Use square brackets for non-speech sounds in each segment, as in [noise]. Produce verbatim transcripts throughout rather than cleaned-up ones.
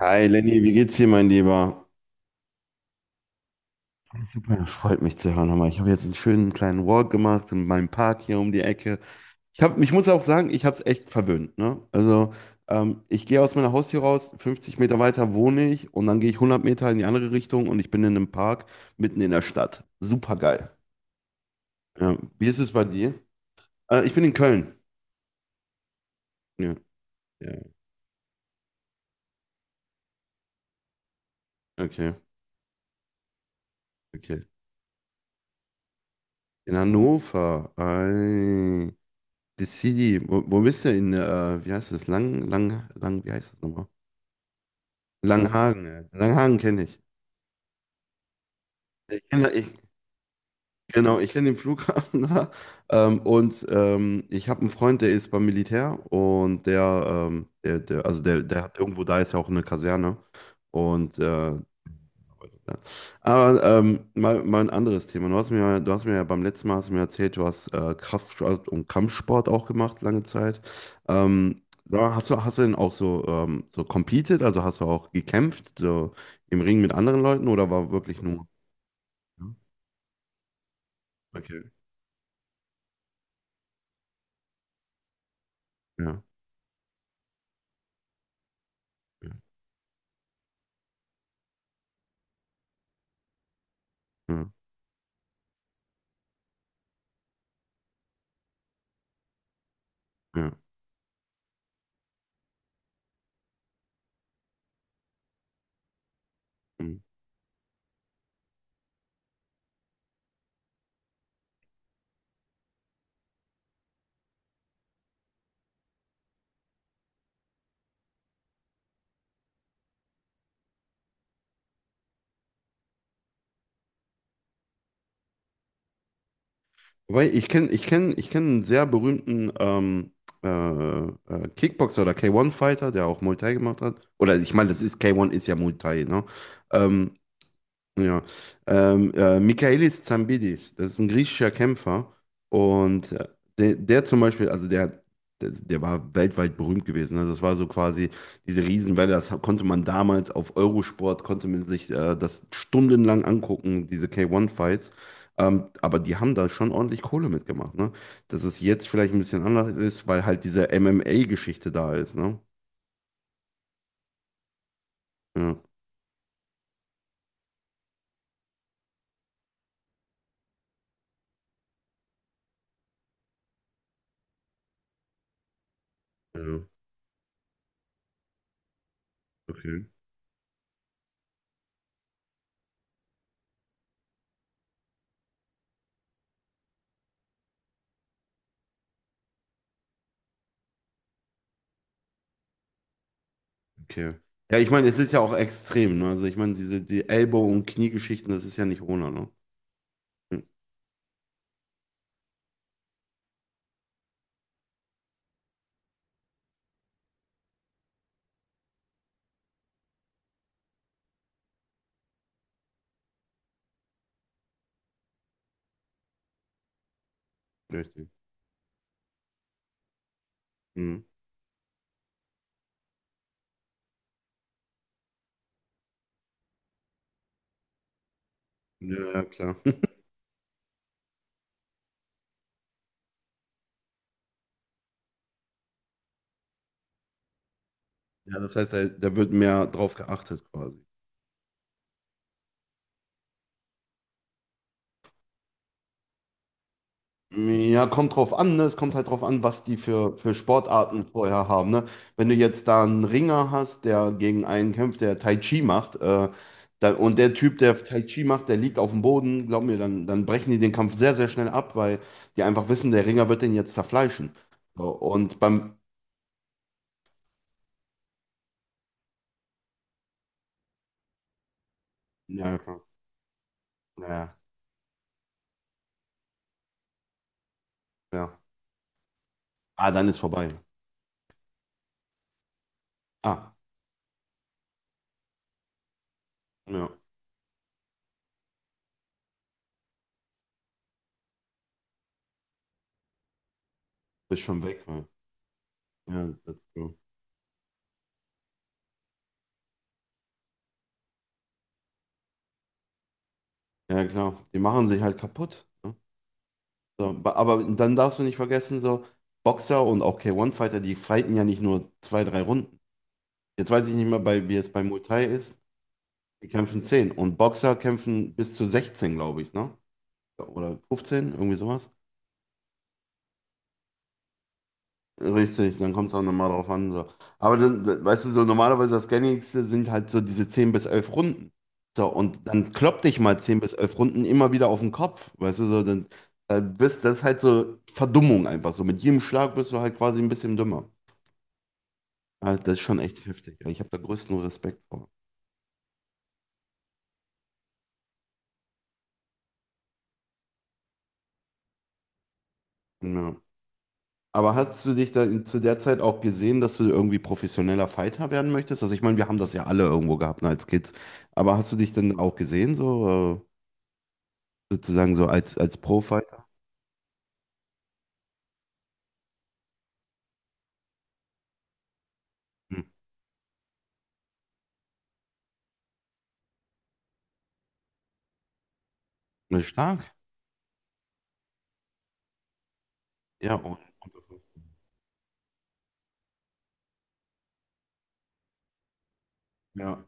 Hi Lenny, wie geht's dir, mein Lieber? Super, das freut mich zu hören. Hammer. Ich habe jetzt einen schönen kleinen Walk gemacht in meinem Park hier um die Ecke. Ich hab, ich muss auch sagen, ich habe es echt verwöhnt. Ne? Also ähm, ich gehe aus meiner Haustür raus, fünfzig Meter weiter wohne ich und dann gehe ich hundert Meter in die andere Richtung und ich bin in einem Park mitten in der Stadt. Super geil. Ja. Wie ist es bei dir? Äh, ich bin in Köln. Ja, ja. Okay, okay. In Hannover. Ei. Die City, wo, wo bist du in, äh, wie heißt das? Lang, lang, lang, wie heißt das nochmal? Langhagen. Ja. Langhagen kenne ich. Ich kenne, ich, genau, ich kenne den Flughafen [laughs] da. Ähm, und ähm, ich habe einen Freund, der ist beim Militär und der, ähm, der, der also der, der hat irgendwo, da ist ja auch eine Kaserne. Und äh, ja. Aber ähm, mal, mal ein anderes Thema. Du hast mir, ja, du hast mir ja beim letzten Mal hast du mir erzählt, du hast äh, Kraftsport und Kampfsport auch gemacht, lange Zeit. Ähm, da hast du, hast du denn auch so, ähm, so competed, also hast du auch gekämpft, so im Ring mit anderen Leuten oder war wirklich nur? Okay, ja, ja, ja, ja. Mhm. Wobei, ich kenne ich kenn, ich kenn einen sehr berühmten ähm, äh, äh, Kickboxer oder K eins Fighter, der auch Muay Thai gemacht hat. Oder ich meine, das ist K eins ist ja Muay Thai, ne? Ähm, Ja, ähm, äh, Michaelis Zambidis, das ist ein griechischer Kämpfer und äh, der, der zum Beispiel, also der, der, der war weltweit berühmt gewesen. Ne? Das war so quasi diese Riesenwelle, das konnte man damals auf Eurosport, konnte man sich äh, das stundenlang angucken, diese K eins Fights. Ähm, aber die haben da schon ordentlich Kohle mitgemacht. Ne? Dass es jetzt vielleicht ein bisschen anders ist, weil halt diese M M A-Geschichte da ist. Ne? Ja, ja, okay. Okay. Ja, ich meine, es ist ja auch extrem, ne? Also ich meine, diese die Ellbogen- und Kniegeschichten, das ist ja nicht ohne, ne? Hm, richtig. Mhm. Ja, ja, klar. [laughs] Ja, das heißt, da, da wird mehr drauf geachtet quasi. Ja, kommt drauf an, ne? Es kommt halt drauf an, was die für, für Sportarten vorher haben, ne? Wenn du jetzt da einen Ringer hast, der gegen einen kämpft, der Tai Chi macht, äh, dann, und der Typ, der Tai Chi macht, der liegt auf dem Boden, glaub mir, dann, dann brechen die den Kampf sehr, sehr schnell ab, weil die einfach wissen, der Ringer wird den jetzt zerfleischen. So. Und beim. Ja, klar. Ja, ja. Ah, dann ist vorbei. Ah, ja. Bist schon weg. Ja, ja, das ist so. Ja, klar. Die machen sich halt kaputt. Ne? So, ba- aber dann darfst du nicht vergessen, so Boxer und auch K eins Fighter, die fighten ja nicht nur zwei, drei Runden. Jetzt weiß ich nicht mehr, bei, wie es bei Muay Thai ist. Die kämpfen zehn. Und Boxer kämpfen bis zu sechzehn, glaube ich, ne? Oder fünfzehn, irgendwie sowas. Richtig, dann kommt es auch nochmal drauf an. So. Aber dann, dann- weißt du, so normalerweise das Gängigste sind halt so diese zehn bis elf Runden. So, und dann klopp dich mal zehn bis elf Runden immer wieder auf den Kopf. Weißt du, so, dann, dann bist das ist halt so Verdummung einfach. So mit jedem Schlag bist du halt quasi ein bisschen dümmer. Also das ist schon echt heftig. Ich habe da größten Respekt vor. Ja. Aber hast du dich dann zu der Zeit auch gesehen, dass du irgendwie professioneller Fighter werden möchtest? Also ich meine, wir haben das ja alle irgendwo gehabt, ne, als Kids. Aber hast du dich dann auch gesehen, so? äh, Sozusagen so als, als Pro-Fighter. Hm. Ja, stark. Ja, und, ja.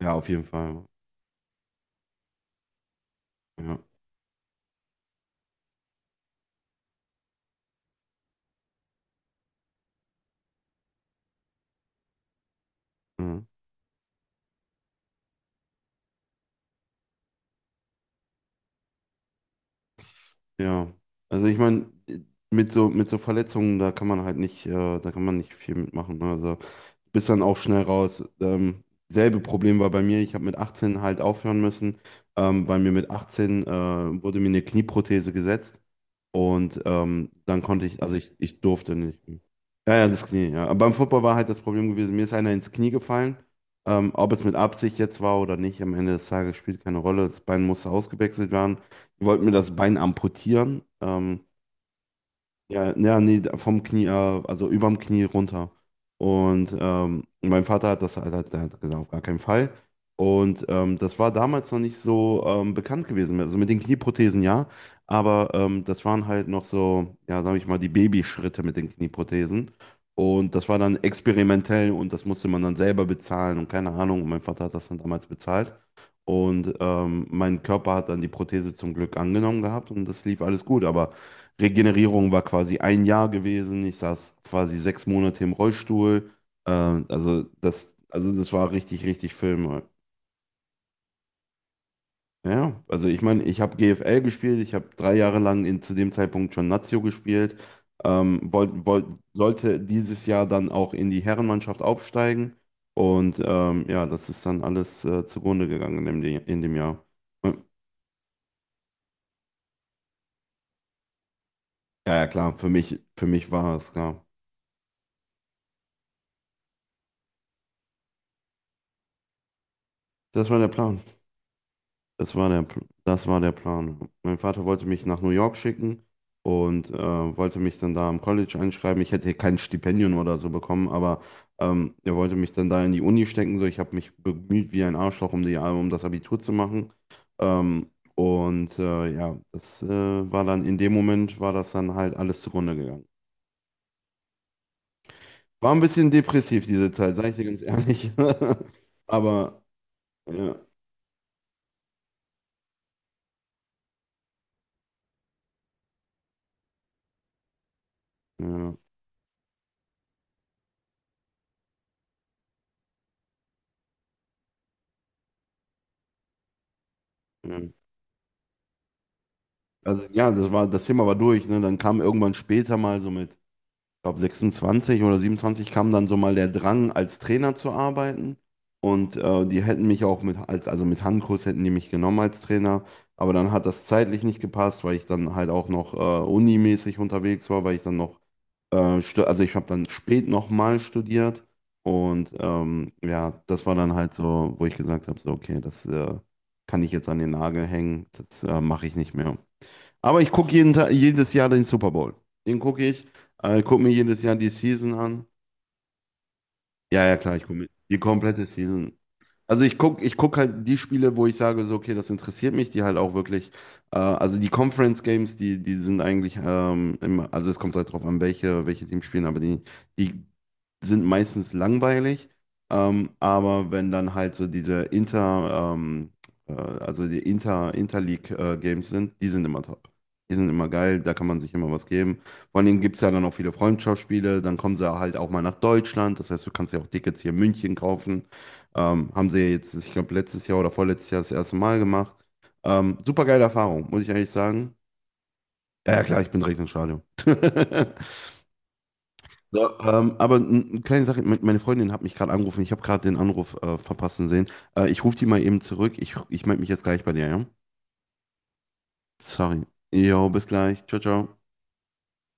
Ja, auf jeden Fall. Ja. Mhm. Ja. Also ich meine, mit so, mit so Verletzungen, da kann man halt nicht, äh, da kann man nicht viel mitmachen. Ne? Also bist dann auch schnell raus. Ähm, selbe Problem war bei mir, ich habe mit achtzehn halt aufhören müssen, ähm, weil mir mit achtzehn äh, wurde mir eine Knieprothese gesetzt und ähm, dann konnte ich, also ich, ich durfte nicht mehr. Ja, ja, das Knie, ja. Aber beim Football war halt das Problem gewesen, mir ist einer ins Knie gefallen. Ähm, ob es mit Absicht jetzt war oder nicht, am Ende des Tages spielt keine Rolle. Das Bein musste ausgewechselt werden. Die wollten mir das Bein amputieren. Ähm, ja, ja, nee, vom Knie, äh, also überm Knie runter. Und ähm, mein Vater hat das, also hat, der hat gesagt, auf gar keinen Fall. Und ähm, das war damals noch nicht so ähm, bekannt gewesen. Also mit den Knieprothesen, ja, aber ähm, das waren halt noch so, ja, sag ich mal, die Babyschritte mit den Knieprothesen. Und das war dann experimentell und das musste man dann selber bezahlen und keine Ahnung. Und mein Vater hat das dann damals bezahlt. Und ähm, mein Körper hat dann die Prothese zum Glück angenommen gehabt und das lief alles gut. Aber Regenerierung war quasi ein Jahr gewesen. Ich saß quasi sechs Monate im Rollstuhl. Äh, also das, also das war richtig, richtig Film. Ja, also ich meine, ich habe G F L gespielt, ich habe drei Jahre lang in, zu dem Zeitpunkt schon Lazio gespielt, ähm, wollt, wollt, sollte dieses Jahr dann auch in die Herrenmannschaft aufsteigen und ähm, ja, das ist dann alles äh, zugrunde gegangen in dem, in dem Jahr. Und, ja, ja, klar, für mich, für mich war es klar. Das war der Plan. Das war der, Pl- das war der Plan. Mein Vater wollte mich nach New York schicken und äh, wollte mich dann da am College einschreiben. Ich hätte kein Stipendium oder so bekommen, aber ähm, er wollte mich dann da in die Uni stecken. So, ich habe mich bemüht wie ein Arschloch, um die, um das Abitur zu machen. Ähm, und äh, ja, das äh, war dann in dem Moment, war das dann halt alles zugrunde gegangen. War ein bisschen depressiv diese Zeit, sage ich dir ganz ehrlich. [laughs] Aber ja, ja, ja. Also ja, das war, das Thema war durch, ne? Dann kam irgendwann später mal so mit, ich glaube sechsundzwanzig oder siebenundzwanzig kam dann so mal der Drang, als Trainer zu arbeiten. Und äh, die hätten mich auch mit, als, also mit Handkurs hätten die mich genommen als Trainer. Aber dann hat das zeitlich nicht gepasst, weil ich dann halt auch noch äh, unimäßig unterwegs war, weil ich dann noch, äh, stu- also ich habe dann spät nochmal studiert. Und ähm, ja, das war dann halt so, wo ich gesagt habe, so, okay, das äh, kann ich jetzt an den Nagel hängen, das äh, mache ich nicht mehr. Aber ich gucke jeden Tag, jedes Jahr den Super Bowl. Den gucke ich. Äh, gucke mir jedes Jahr die Season an. Ja, ja, klar, ich gucke die komplette Season. Also ich gucke ich guck halt die Spiele, wo ich sage, so, okay, das interessiert mich, die halt auch wirklich, äh, also die Conference Games, die, die sind eigentlich ähm, immer, also es kommt halt drauf an, welche, welche Teams spielen, aber die, die sind meistens langweilig. Ähm, aber wenn dann halt so diese Inter, ähm, äh, also die Inter, Interleague äh, Games sind, die sind immer top. Die sind immer geil, da kann man sich immer was geben. Vor allen Dingen gibt es ja dann auch viele Freundschaftsspiele, dann kommen sie halt auch mal nach Deutschland, das heißt, du kannst ja auch Tickets hier in München kaufen. Ähm, haben sie jetzt, ich glaube, letztes Jahr oder vorletztes Jahr das erste Mal gemacht. Ähm, super geile Erfahrung, muss ich ehrlich sagen. Ja, ja, klar, ich bin direkt ins Stadion. [laughs] So, ähm, aber n- eine kleine Sache, me- meine Freundin hat mich gerade angerufen, ich habe gerade den Anruf äh, verpassen sehen. Äh, ich rufe die mal eben zurück, ich, ich melde mich jetzt gleich bei dir, ja? Sorry. Jo, bis gleich. Ciao, ciao.